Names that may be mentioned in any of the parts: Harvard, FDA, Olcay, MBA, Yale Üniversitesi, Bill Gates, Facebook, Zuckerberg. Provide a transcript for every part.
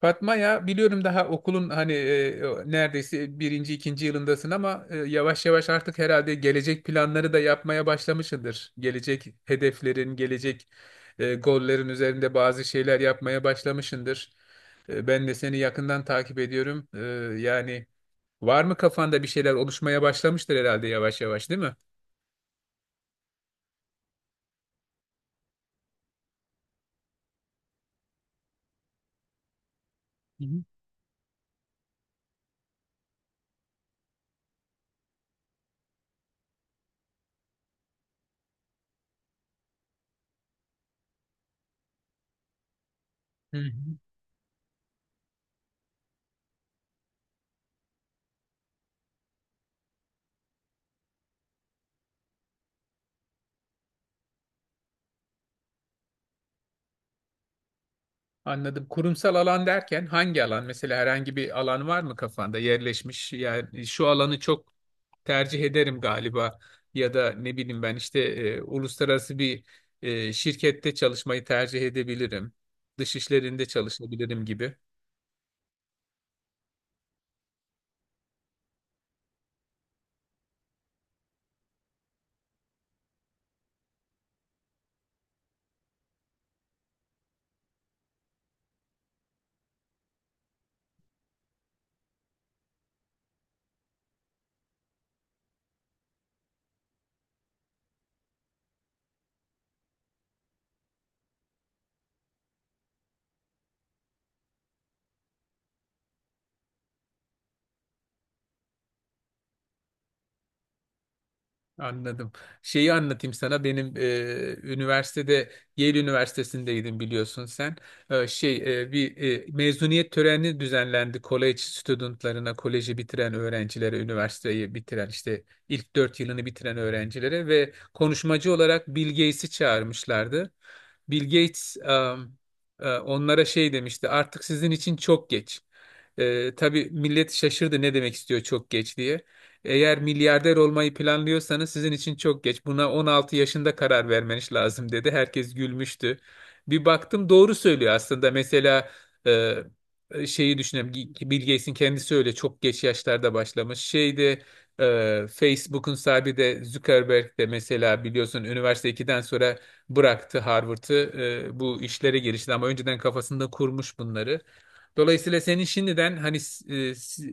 Fatma ya biliyorum daha okulun hani neredeyse birinci ikinci yılındasın ama yavaş yavaş artık herhalde gelecek planları da yapmaya başlamışsındır. Gelecek hedeflerin, gelecek gollerin üzerinde bazı şeyler yapmaya başlamışsındır. Ben de seni yakından takip ediyorum. Yani var mı kafanda bir şeyler oluşmaya başlamıştır herhalde yavaş yavaş, değil mi? Hı hı. Hı hı. Anladım. Kurumsal alan derken hangi alan? Mesela herhangi bir alan var mı kafanda yerleşmiş? Yani şu alanı çok tercih ederim galiba ya da ne bileyim ben işte uluslararası bir şirkette çalışmayı tercih edebilirim. Dış işlerinde çalışabilirim gibi. Anladım. Şeyi anlatayım sana. Benim üniversitede, Yale Üniversitesi'ndeydim biliyorsun sen. Bir mezuniyet töreni düzenlendi college studentlarına, koleji bitiren öğrencilere, üniversiteyi bitiren işte ilk 4 yılını bitiren öğrencilere, ve konuşmacı olarak Bill Gates'i çağırmışlardı. Bill Gates onlara şey demişti: artık sizin için çok geç. Tabii millet şaşırdı, ne demek istiyor çok geç diye. Eğer milyarder olmayı planlıyorsanız sizin için çok geç, buna 16 yaşında karar vermeniz lazım dedi. Herkes gülmüştü. Bir baktım doğru söylüyor aslında. Mesela e, şeyi düşünelim. Bill Gates'in kendisi öyle çok geç yaşlarda başlamış. Şeyde, Facebook'un sahibi de Zuckerberg de mesela, biliyorsun üniversite ikiden sonra bıraktı Harvard'ı. Bu işlere girişti, ama önceden kafasında kurmuş bunları. Dolayısıyla senin şimdiden hani e, s-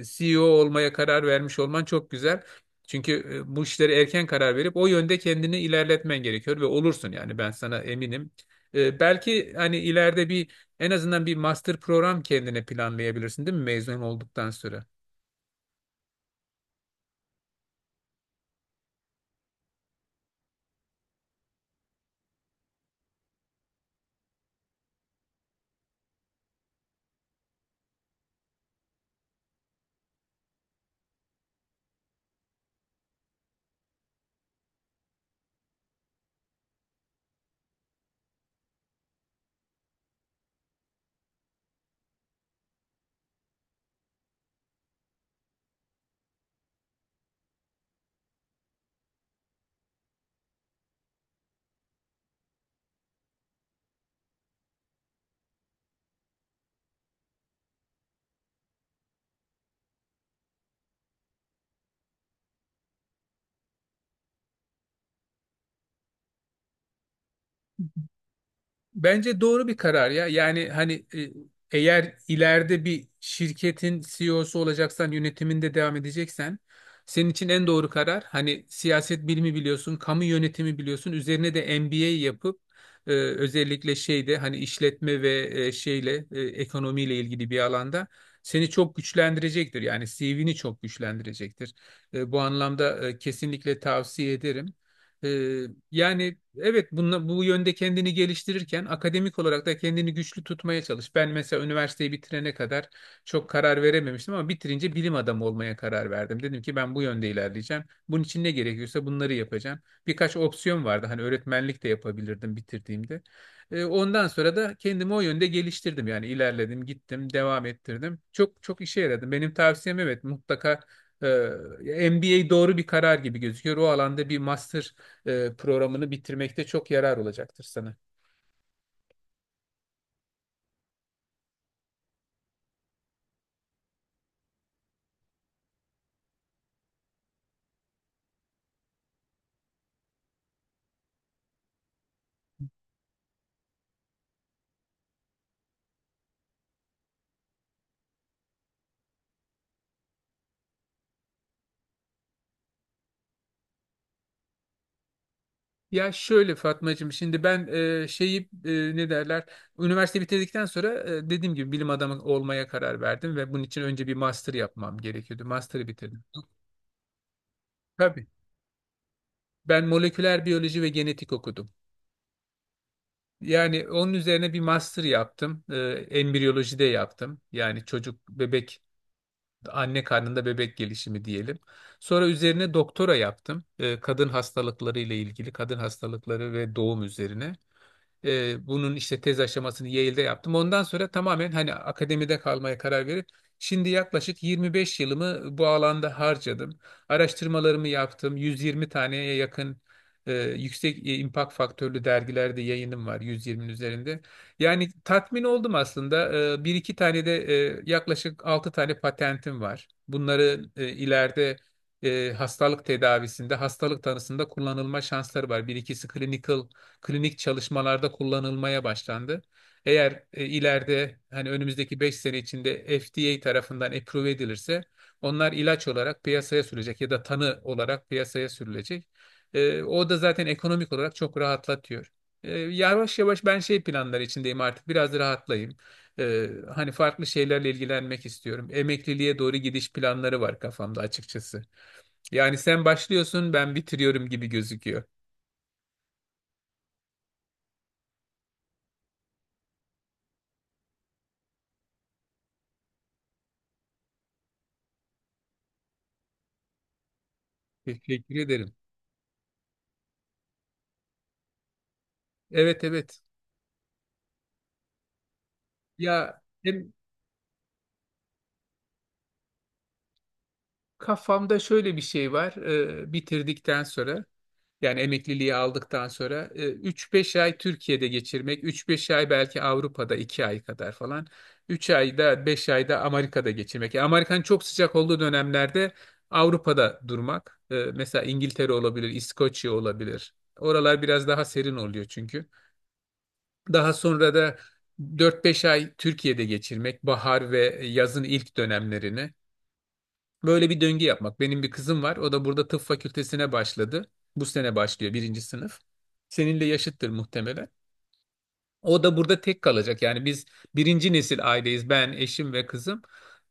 CEO olmaya karar vermiş olman çok güzel. Çünkü bu işlere erken karar verip o yönde kendini ilerletmen gerekiyor, ve olursun yani, ben sana eminim. Belki hani ileride bir, en azından bir master program kendine planlayabilirsin, değil mi, mezun olduktan sonra? Bence doğru bir karar ya. Yani hani eğer ileride bir şirketin CEO'su olacaksan, yönetiminde devam edeceksen, senin için en doğru karar, hani siyaset bilimi biliyorsun, kamu yönetimi biliyorsun, üzerine de MBA yapıp özellikle şeyde, hani işletme ve ekonomiyle ilgili bir alanda seni çok güçlendirecektir. Yani CV'ni çok güçlendirecektir. Bu anlamda kesinlikle tavsiye ederim. Ee, yani evet, bu yönde kendini geliştirirken akademik olarak da kendini güçlü tutmaya çalış. Ben mesela üniversiteyi bitirene kadar çok karar verememiştim, ama bitirince bilim adamı olmaya karar verdim. Dedim ki ben bu yönde ilerleyeceğim, bunun için ne gerekiyorsa bunları yapacağım. Birkaç opsiyon vardı, hani öğretmenlik de yapabilirdim bitirdiğimde. Ondan sonra da kendimi o yönde geliştirdim. Yani ilerledim, gittim, devam ettirdim. Çok çok işe yaradı. Benim tavsiyem evet, mutlaka MBA doğru bir karar gibi gözüküyor. O alanda bir master programını bitirmekte çok yarar olacaktır sana. Ya şöyle Fatmacığım, şimdi ben şeyi ne derler, üniversite bitirdikten sonra dediğim gibi bilim adamı olmaya karar verdim, ve bunun için önce bir master yapmam gerekiyordu. Master'ı bitirdim. Tabii, ben moleküler biyoloji ve genetik okudum. Yani onun üzerine bir master yaptım. Embriyoloji de yaptım. Yani çocuk, bebek, anne karnında bebek gelişimi diyelim. Sonra üzerine doktora yaptım. Kadın hastalıkları ile ilgili, kadın hastalıkları ve doğum üzerine. Bunun işte tez aşamasını Yale'de yaptım. Ondan sonra tamamen hani akademide kalmaya karar verip şimdi yaklaşık 25 yılımı bu alanda harcadım. Araştırmalarımı yaptım. 120 taneye yakın yüksek impact faktörlü dergilerde yayınım var, 120'nin üzerinde. Yani tatmin oldum aslında. Bir iki tane de yaklaşık 6 tane patentim var. Bunları ileride hastalık tedavisinde, hastalık tanısında kullanılma şansları var. Bir ikisi klinik çalışmalarda kullanılmaya başlandı. Eğer ileride, hani önümüzdeki 5 sene içinde FDA tarafından approve edilirse, onlar ilaç olarak piyasaya sürülecek ya da tanı olarak piyasaya sürülecek. O da zaten ekonomik olarak çok rahatlatıyor. Yavaş yavaş ben şey planları içindeyim, artık biraz rahatlayayım. E, hani farklı şeylerle ilgilenmek istiyorum. Emekliliğe doğru gidiş planları var kafamda açıkçası. Yani sen başlıyorsun, ben bitiriyorum gibi gözüküyor. Teşekkür ederim. Evet, evet. Ya hem kafamda şöyle bir şey var: bitirdikten sonra, yani emekliliği aldıktan sonra, 3-5 ay Türkiye'de geçirmek, 3-5 ay belki Avrupa'da, 2 ay kadar falan. Üç ayda 5 ayda Amerika'da geçirmek. Yani Amerika'nın çok sıcak olduğu dönemlerde Avrupa'da durmak. Mesela İngiltere olabilir, İskoçya olabilir. Oralar biraz daha serin oluyor çünkü. Daha sonra da 4-5 ay Türkiye'de geçirmek, bahar ve yazın ilk dönemlerini. Böyle bir döngü yapmak. Benim bir kızım var. O da burada tıp fakültesine başladı. Bu sene başlıyor, birinci sınıf. Seninle yaşıttır muhtemelen. O da burada tek kalacak. Yani biz birinci nesil aileyiz: ben, eşim ve kızım.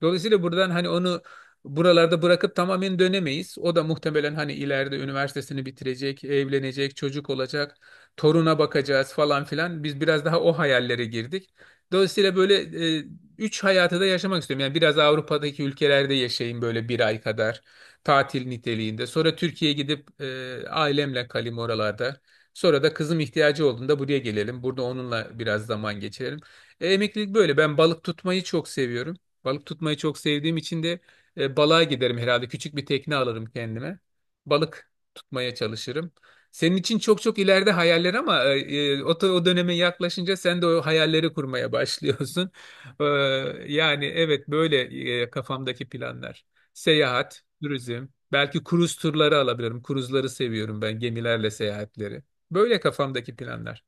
Dolayısıyla buradan hani onu buralarda bırakıp tamamen dönemeyiz. O da muhtemelen hani ileride üniversitesini bitirecek, evlenecek, çocuk olacak, toruna bakacağız falan filan. Biz biraz daha o hayallere girdik. Dolayısıyla böyle e, üç hayatı da yaşamak istiyorum. Yani biraz Avrupa'daki ülkelerde yaşayayım böyle 1 ay kadar, tatil niteliğinde. Sonra Türkiye'ye gidip ailemle kalayım oralarda. Sonra da kızım ihtiyacı olduğunda buraya gelelim, burada onunla biraz zaman geçirelim. Emeklilik böyle. Ben balık tutmayı çok seviyorum. Balık tutmayı çok sevdiğim için de balığa giderim herhalde. Küçük bir tekne alırım kendime. Balık tutmaya çalışırım. Senin için çok çok ileride hayaller, ama o döneme yaklaşınca sen de o hayalleri kurmaya başlıyorsun. E, yani evet, böyle kafamdaki planlar. Seyahat, turizm, belki kruz turları alabilirim. Kruzları seviyorum ben, gemilerle seyahatleri. Böyle kafamdaki planlar.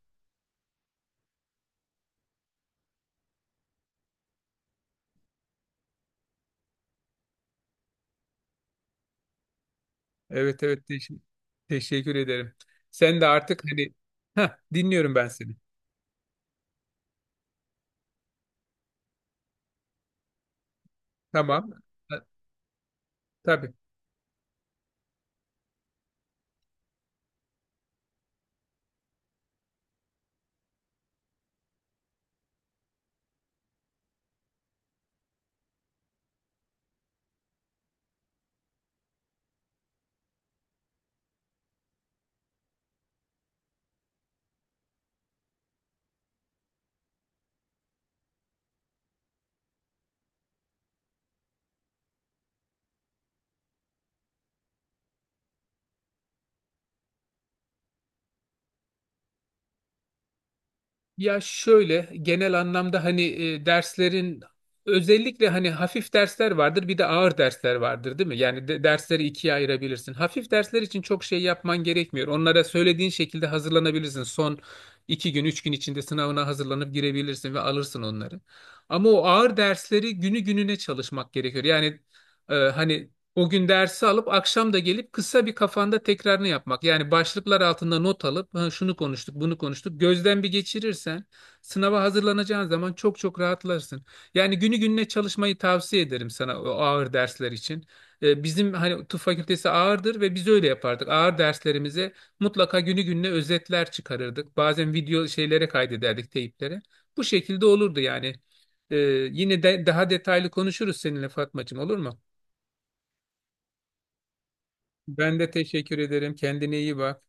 Evet, evet, teşekkür ederim. Sen de artık hani, Heh, dinliyorum ben seni. Tamam. Ha, tabii. Ya şöyle, genel anlamda hani derslerin, özellikle hani hafif dersler vardır bir de ağır dersler vardır, değil mi? Yani dersleri ikiye ayırabilirsin. Hafif dersler için çok şey yapman gerekmiyor, onlara söylediğin şekilde hazırlanabilirsin. Son 2 gün 3 gün içinde sınavına hazırlanıp girebilirsin ve alırsın onları. Ama o ağır dersleri günü gününe çalışmak gerekiyor. Yani hani o gün dersi alıp akşam da gelip kısa bir kafanda tekrarını yapmak. Yani başlıklar altında not alıp "Ha, şunu konuştuk, bunu konuştuk." Gözden bir geçirirsen sınava hazırlanacağın zaman çok çok rahatlarsın. Yani günü gününe çalışmayı tavsiye ederim sana, o ağır dersler için. Bizim hani tıp fakültesi ağırdır ve biz öyle yapardık. Ağır derslerimize mutlaka günü gününe özetler çıkarırdık. Bazen video şeylere kaydederdik, teyiplere. Bu şekilde olurdu yani. Ee, yine de daha detaylı konuşuruz seninle Fatmacığım, olur mu? Ben de teşekkür ederim. Kendine iyi bak.